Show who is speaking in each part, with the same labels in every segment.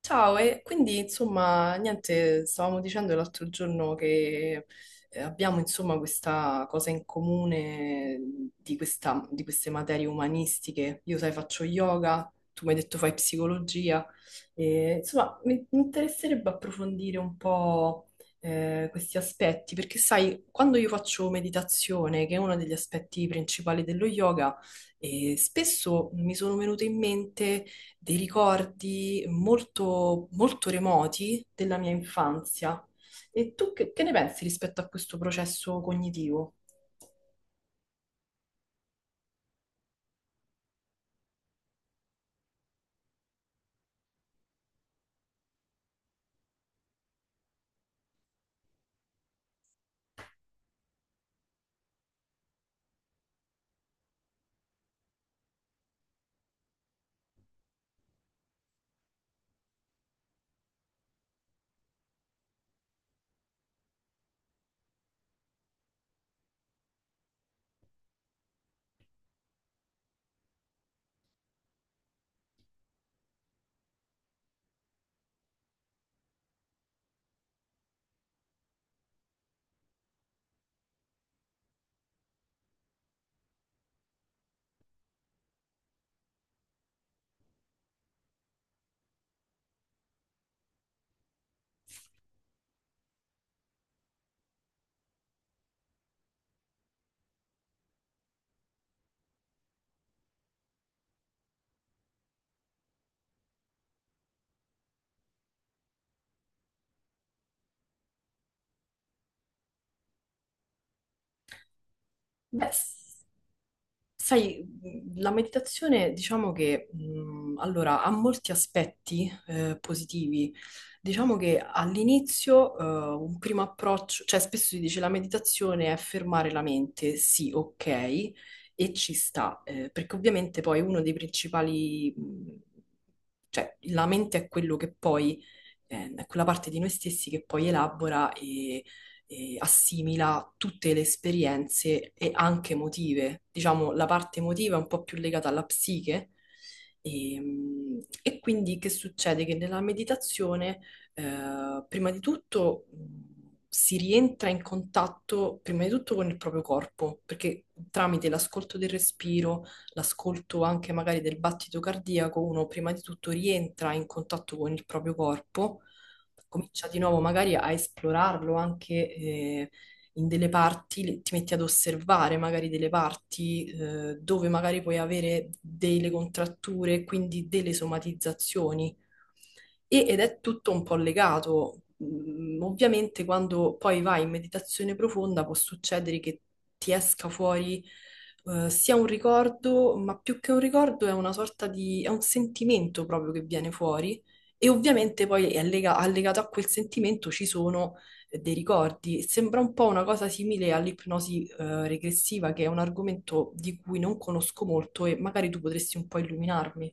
Speaker 1: Ciao, e quindi insomma, niente, stavamo dicendo l'altro giorno che abbiamo insomma questa cosa in comune di, di queste materie umanistiche. Io, sai, faccio yoga, tu mi hai detto fai psicologia, e, insomma, mi interesserebbe approfondire un po' questi aspetti, perché sai, quando io faccio meditazione, che è uno degli aspetti principali dello yoga, spesso mi sono venute in mente dei ricordi molto, molto remoti della mia infanzia. E tu che ne pensi rispetto a questo processo cognitivo? Beh, sai, la meditazione diciamo che allora, ha molti aspetti positivi. Diciamo che all'inizio un primo approccio, cioè spesso si dice la meditazione è fermare la mente, sì, ok, e ci sta, perché ovviamente poi uno dei principali, cioè la mente è quello che poi, è quella parte di noi stessi che poi elabora assimila tutte le esperienze e anche emotive. Diciamo, la parte emotiva è un po' più legata alla psiche. E, e quindi che succede? Che nella meditazione, prima di tutto, si rientra in contatto, prima di tutto, con il proprio corpo, perché tramite l'ascolto del respiro, l'ascolto anche magari del battito cardiaco, uno prima di tutto rientra in contatto con il proprio corpo, comincia di nuovo magari a esplorarlo anche in delle parti, ti metti ad osservare magari delle parti dove magari puoi avere delle contratture, quindi delle somatizzazioni. Ed è tutto un po' legato. Ovviamente quando poi vai in meditazione profonda può succedere che ti esca fuori sia un ricordo, ma più che un ricordo è una sorta di, è un sentimento proprio che viene fuori e ovviamente poi è allegato a quel sentimento ci sono dei ricordi. Sembra un po' una cosa simile all'ipnosi regressiva, che è un argomento di cui non conosco molto e magari tu potresti un po' illuminarmi.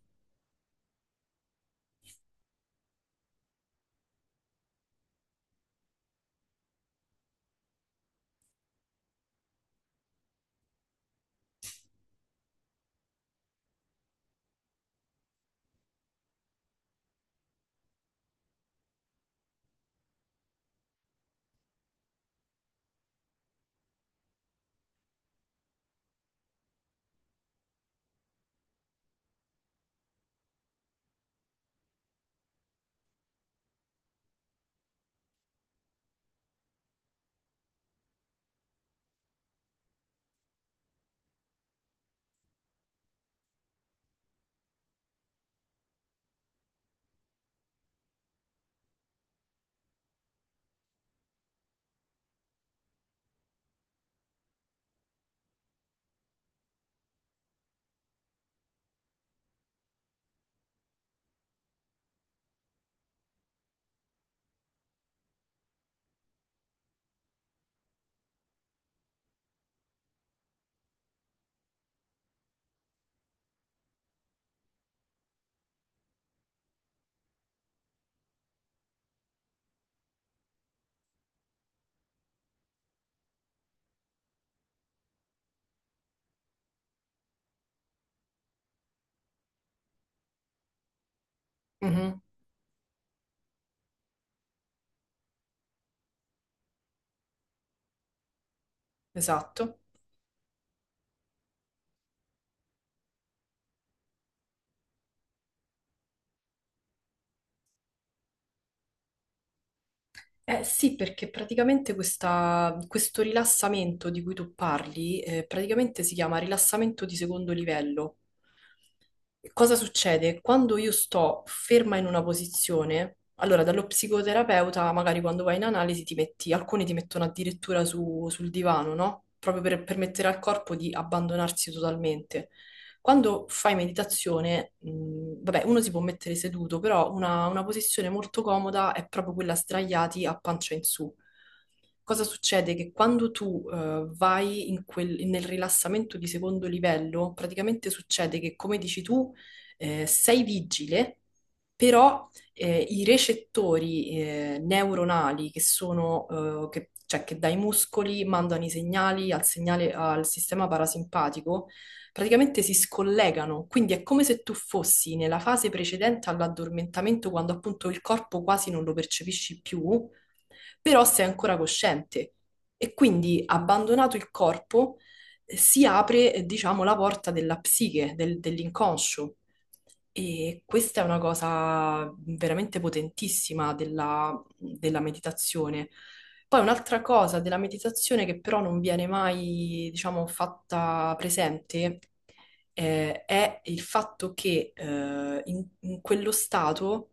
Speaker 1: Mhm. Esatto. Eh sì, perché praticamente questo rilassamento di cui tu parli, praticamente si chiama rilassamento di secondo livello. Cosa succede? Quando io sto ferma in una posizione, allora dallo psicoterapeuta, magari quando vai in analisi ti metti, alcuni ti mettono addirittura sul divano, no? Proprio per permettere al corpo di abbandonarsi totalmente. Quando fai meditazione, vabbè, uno si può mettere seduto, però una posizione molto comoda è proprio quella sdraiati a pancia in su. Cosa succede? Che quando tu vai in nel rilassamento di secondo livello, praticamente succede che, come dici tu, sei vigile, però i recettori neuronali che sono, cioè che dai muscoli mandano i segnali al segnale al sistema parasimpatico, praticamente si scollegano. Quindi è come se tu fossi nella fase precedente all'addormentamento, quando appunto il corpo quasi non lo percepisci più, però sei ancora cosciente. E quindi, abbandonato il corpo, si apre, diciamo, la porta della psiche, dell'inconscio. E questa è una cosa veramente potentissima della, della meditazione. Poi un'altra cosa della meditazione che però non viene mai, diciamo, fatta presente, è il fatto che in quello stato,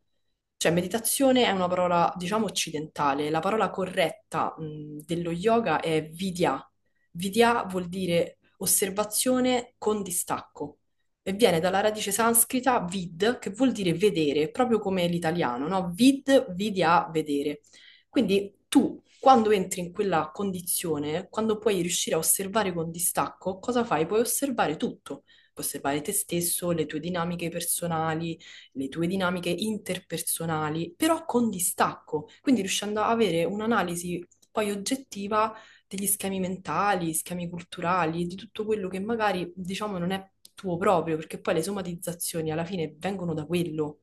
Speaker 1: cioè, meditazione è una parola, diciamo, occidentale. La parola corretta, dello yoga è vidya. Vidya vuol dire osservazione con distacco e viene dalla radice sanscrita vid, che vuol dire vedere, proprio come l'italiano, no? Vid, vidya, vedere. Quindi tu, quando entri in quella condizione, quando puoi riuscire a osservare con distacco, cosa fai? Puoi osservare tutto. Puoi osservare te stesso, le tue dinamiche personali, le tue dinamiche interpersonali, però con distacco, quindi riuscendo a avere un'analisi poi oggettiva degli schemi mentali, schemi culturali, di tutto quello che magari diciamo non è tuo proprio, perché poi le somatizzazioni alla fine vengono da quello.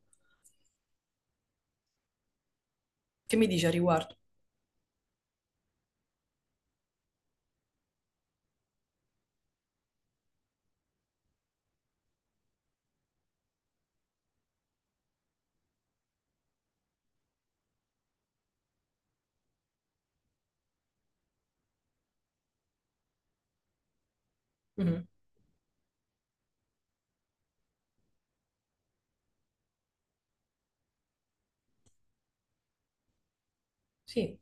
Speaker 1: Che mi dici a riguardo? Mhm. Sì,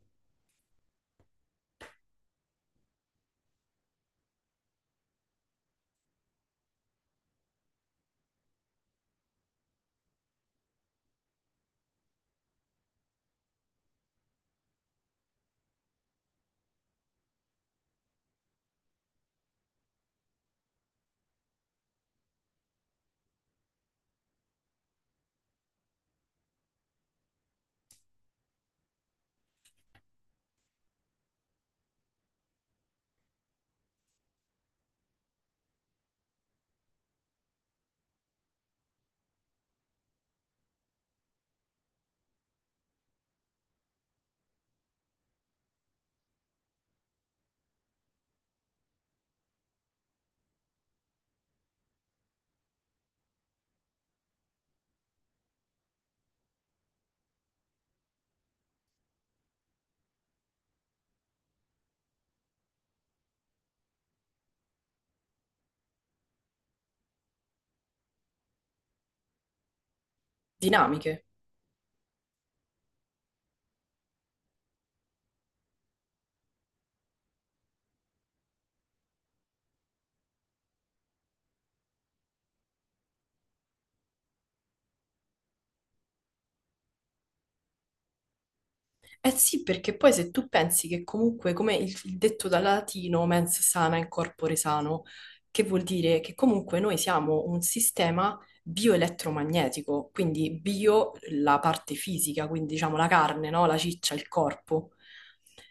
Speaker 1: dinamiche. Eh sì, perché poi se tu pensi che comunque, come il detto dal latino, mens sana in corpore sano, che vuol dire che comunque noi siamo un sistema bioelettromagnetico, quindi bio la parte fisica, quindi diciamo la carne, no? La ciccia, il corpo.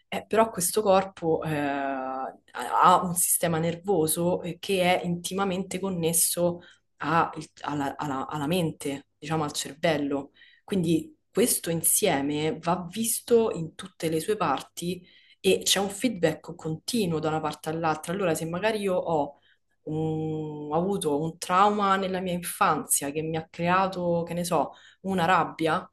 Speaker 1: Però questo corpo ha un sistema nervoso che è intimamente connesso alla alla mente, diciamo al cervello. Quindi questo insieme va visto in tutte le sue parti e c'è un feedback continuo da una parte all'altra. Allora, se magari io ho ho avuto un trauma nella mia infanzia che mi ha creato, che ne so, una rabbia,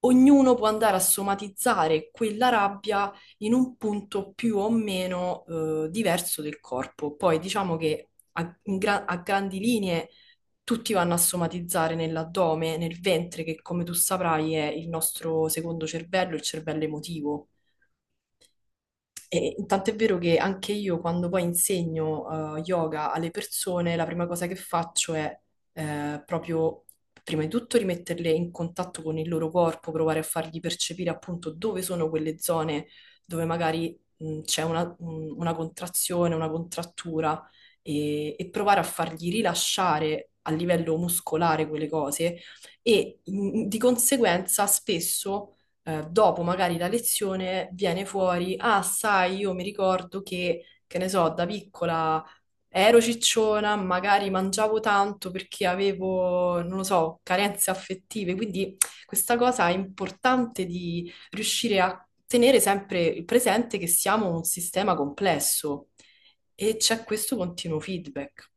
Speaker 1: ognuno può andare a somatizzare quella rabbia in un punto più o meno diverso del corpo. Poi diciamo che a, in a grandi linee tutti vanno a somatizzare nell'addome, nel ventre, che come tu saprai è il nostro secondo cervello, il cervello emotivo. E tant'è vero che anche io quando poi insegno yoga alle persone, la prima cosa che faccio è proprio, prima di tutto, rimetterle in contatto con il loro corpo, provare a fargli percepire appunto dove sono quelle zone dove magari c'è una contrazione, una contrattura e provare a fargli rilasciare a livello muscolare quelle cose e di conseguenza spesso dopo magari la lezione viene fuori, ah, sai, io mi ricordo che ne so, da piccola ero cicciona, magari mangiavo tanto perché avevo, non lo so, carenze affettive, quindi questa cosa è importante di riuscire a tenere sempre il presente che siamo un sistema complesso e c'è questo continuo feedback.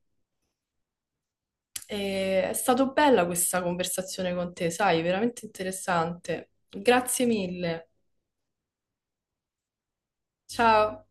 Speaker 1: E è stata bella questa conversazione con te, sai, veramente interessante. Grazie mille. Ciao.